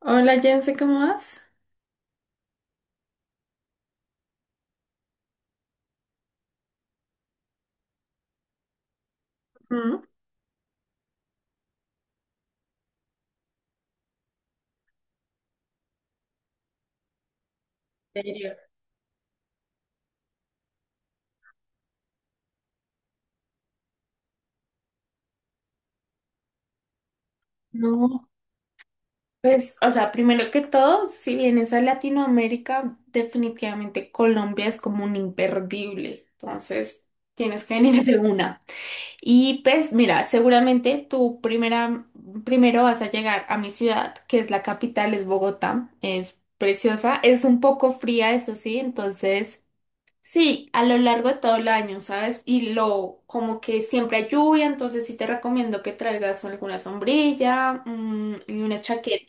Hola Jense, ¿cómo vas? Ujú. ¿En serio? No, pues, o sea, primero que todo, si vienes a Latinoamérica, definitivamente Colombia es como un imperdible. Entonces, tienes que venir de una. Y pues, mira, seguramente primero vas a llegar a mi ciudad, que es la capital, es Bogotá. Es preciosa, es un poco fría, eso sí. entonces. Sí, a lo largo de todo el año, ¿sabes? Y como que siempre hay lluvia, entonces sí te recomiendo que traigas alguna sombrilla y una chaqueta.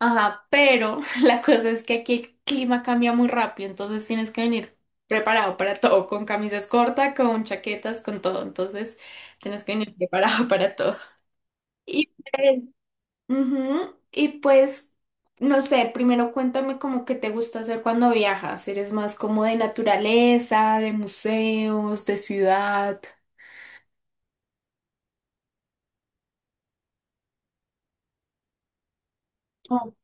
Ajá, pero la cosa es que aquí el clima cambia muy rápido, entonces tienes que venir preparado para todo, con camisas cortas, con chaquetas, con todo, entonces tienes que venir preparado para todo. Y pues, ujú, y pues, no sé, primero cuéntame como que te gusta hacer cuando viajas. ¿Eres más como de naturaleza, de museos, de ciudad? Oh.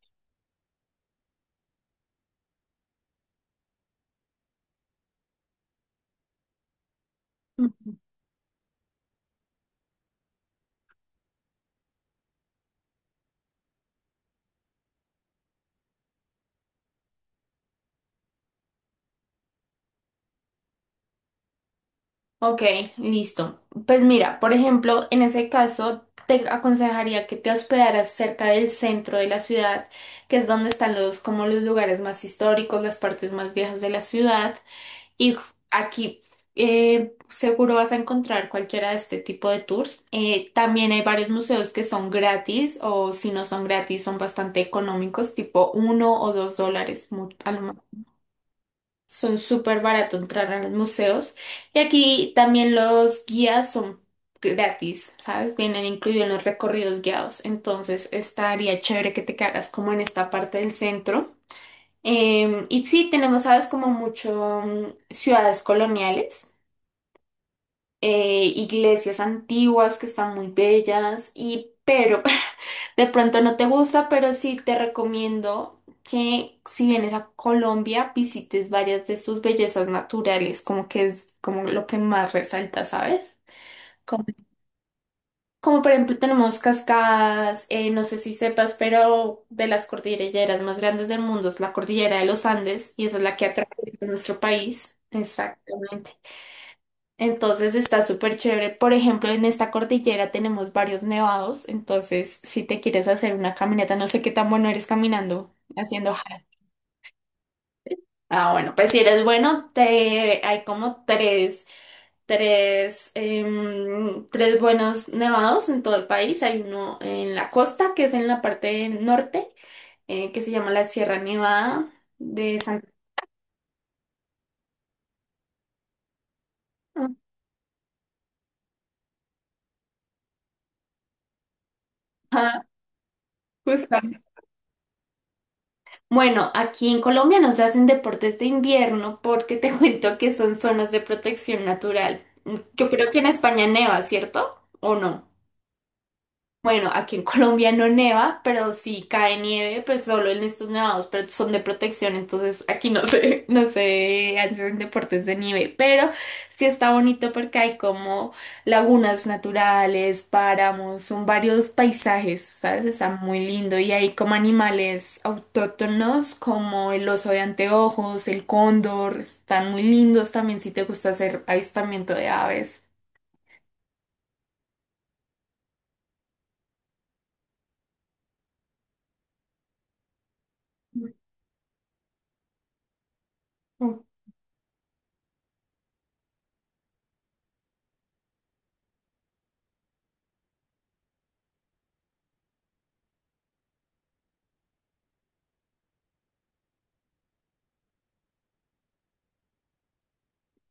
Mm. Ok, listo. Pues mira, por ejemplo, en ese caso te aconsejaría que te hospedaras cerca del centro de la ciudad, que es donde están los como los lugares más históricos, las partes más viejas de la ciudad. Y aquí seguro vas a encontrar cualquiera de este tipo de tours. También hay varios museos que son gratis o si no son gratis son bastante económicos, tipo 1 o 2 dólares. Son súper barato entrar a los museos. Y aquí también los guías son gratis, ¿sabes? Vienen incluidos en los recorridos guiados. Entonces estaría chévere que te quedaras como en esta parte del centro. Y sí, tenemos, sabes, como mucho ciudades coloniales. Iglesias antiguas que están muy bellas, y pero de pronto no te gusta, pero sí te recomiendo que si vienes a Colombia visites varias de sus bellezas naturales, como que es como lo que más resalta, ¿sabes? Como, como por ejemplo tenemos cascadas. Eh, no sé si sepas, pero de las cordilleras más grandes del mundo es la cordillera de los Andes, y esa es la que atraviesa nuestro país. Exactamente. Entonces está súper chévere. Por ejemplo, en esta cordillera tenemos varios nevados. Entonces, si te quieres hacer una caminata, no sé qué tan bueno eres caminando, haciendo hike. Ah, bueno, pues si eres bueno, te... hay como tres buenos nevados en todo el país. Hay uno en la costa, que es en la parte norte, que se llama la Sierra Nevada de San... Ajá, justo. Bueno, aquí en Colombia no se hacen deportes de invierno porque te cuento que son zonas de protección natural. Yo creo que en España neva, ¿cierto? ¿O no? Bueno, aquí en Colombia no neva, pero si cae nieve, pues solo en estos nevados, pero son de protección, entonces aquí no se no se hacen deportes de nieve, pero sí está bonito porque hay como lagunas naturales, páramos, son varios paisajes, ¿sabes? Está muy lindo y hay como animales autóctonos como el oso de anteojos, el cóndor, están muy lindos también si te gusta hacer avistamiento de aves. Mm. Ok.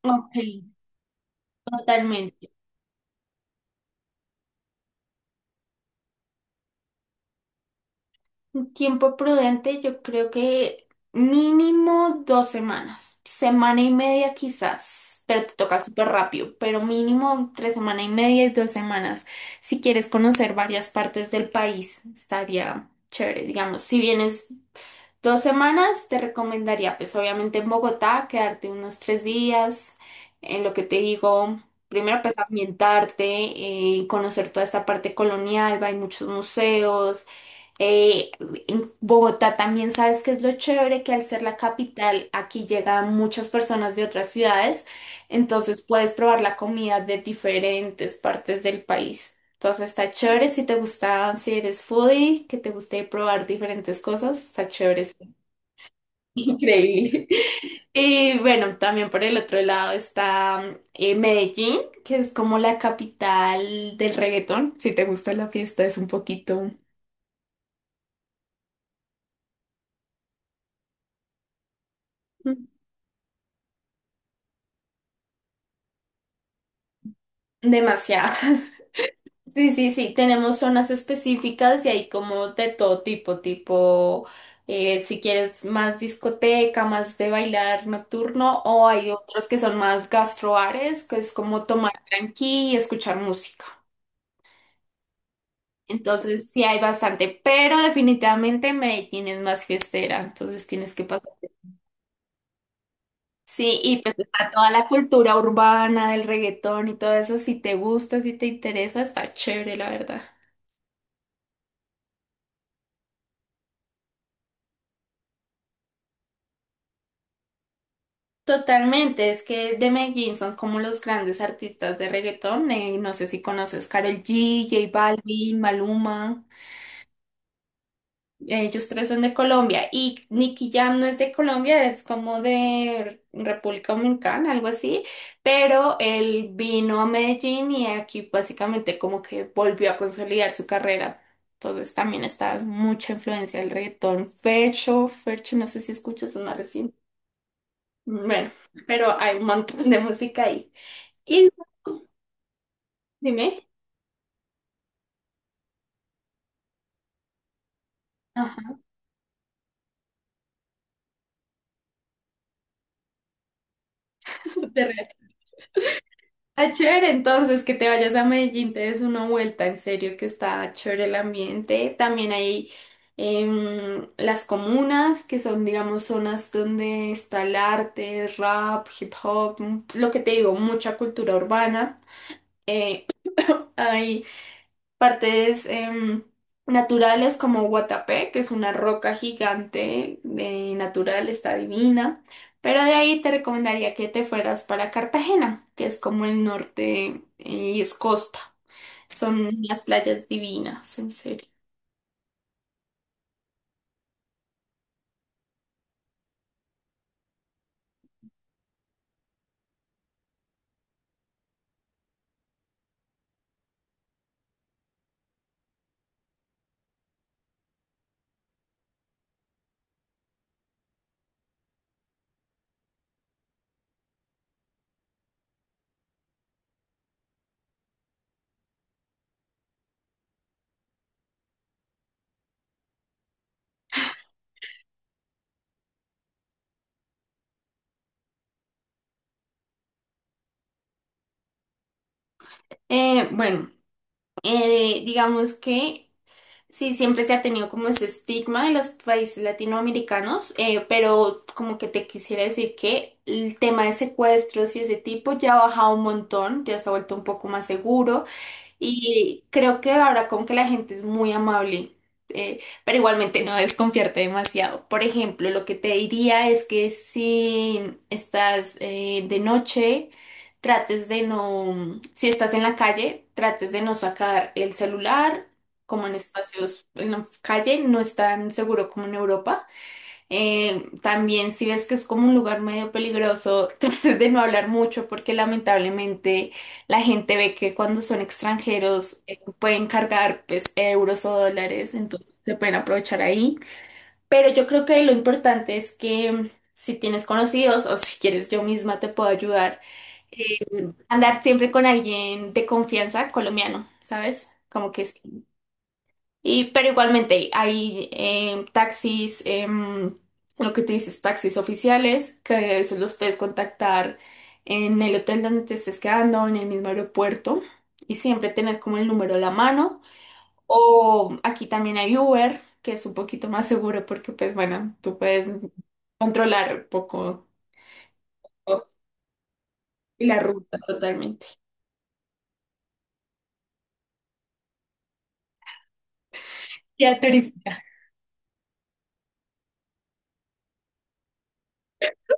Ok, totalmente. Tiempo prudente, yo creo que mínimo 2 semanas, semana y media quizás, pero te toca súper rápido, pero mínimo entre semana y media y 2 semanas. Si quieres conocer varias partes del país, estaría chévere. Digamos, si vienes 2 semanas, te recomendaría, pues obviamente en Bogotá, quedarte unos 3 días, en lo que te digo. Primero, pues ambientarte. Eh, conocer toda esta parte colonial, hay muchos museos. eh, en Bogotá también sabes que es lo chévere que al ser la capital aquí llegan muchas personas de otras ciudades, entonces puedes probar la comida de diferentes partes del país. Entonces está chévere si te gusta, si eres foodie, que te guste probar diferentes cosas, está chévere, es increíble. Y bueno, también por el otro lado está Medellín, que es como la capital del reggaetón. Si te gusta la fiesta, es un poquito mm, demasiado. Sí, sí, sí, tenemos zonas específicas y hay como de todo tipo, tipo, si quieres más discoteca, más de bailar nocturno, o hay otros que son más gastroares, que es como tomar tranqui y escuchar música. Entonces sí hay bastante, pero definitivamente Medellín es más fiestera, entonces tienes que pasar. Sí, y pues está toda la cultura urbana del reggaetón y todo eso, si te gusta, si te interesa, está chévere, la verdad. Totalmente, es que de Medellín son como los grandes artistas de reggaetón. No sé si conoces Karol G, J Balvin, Maluma. Ellos tres son de Colombia y Nicky Jam no es de Colombia, es como de República Dominicana, algo así. Pero él vino a Medellín y aquí básicamente como que volvió a consolidar su carrera. Entonces también está mucha influencia del reggaetón. Fercho, Fercho, no sé si escuchas, es más reciente. Bueno, pero hay un montón de música ahí. Y dime. Ajá. de re- Está chévere entonces que te vayas a Medellín, te des una vuelta, en serio que está chévere el ambiente. También hay las comunas, que son, digamos, zonas donde está el arte, rap, hip hop, lo que te digo, mucha cultura urbana. Eh, hay partes naturales como Guatapé, que es una roca gigante de natural, está divina. Pero de ahí te recomendaría que te fueras para Cartagena, que es como el norte, y es costa. Son unas playas divinas, en serio. Bueno, digamos que sí, siempre se ha tenido como ese estigma en los países latinoamericanos, pero como que te quisiera decir que el tema de secuestros y ese tipo ya ha bajado un montón, ya se ha vuelto un poco más seguro. Y creo que ahora como que la gente es muy amable, pero igualmente no desconfiarte demasiado. Por ejemplo, lo que te diría es que si estás de noche, trates de no, si estás en la calle, trates de no sacar el celular, como en espacios en la calle, no es tan seguro como en Europa. También si ves que es como un lugar medio peligroso, trates de no hablar mucho porque lamentablemente la gente ve que cuando son extranjeros pueden cargar pues euros o dólares, entonces se pueden aprovechar ahí. Pero yo creo que lo importante es que si tienes conocidos o si quieres yo misma te puedo ayudar, andar siempre con alguien de confianza colombiano, ¿sabes? Como que sí. Y, pero igualmente hay taxis, lo que tú dices, taxis oficiales, que a veces los puedes contactar en el hotel donde te estés quedando, en el mismo aeropuerto, y siempre tener como el número a la mano. O aquí también hay Uber, que es un poquito más seguro porque, pues bueno, tú puedes controlar un poco todo y la ruta totalmente. Ya.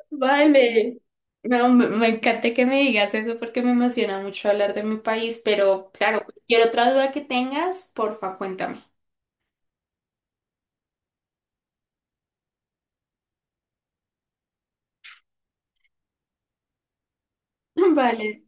Vale. No, me encanta que me digas eso porque me emociona mucho hablar de mi país, pero claro, cualquier otra duda que tengas, porfa, cuéntame. Vale.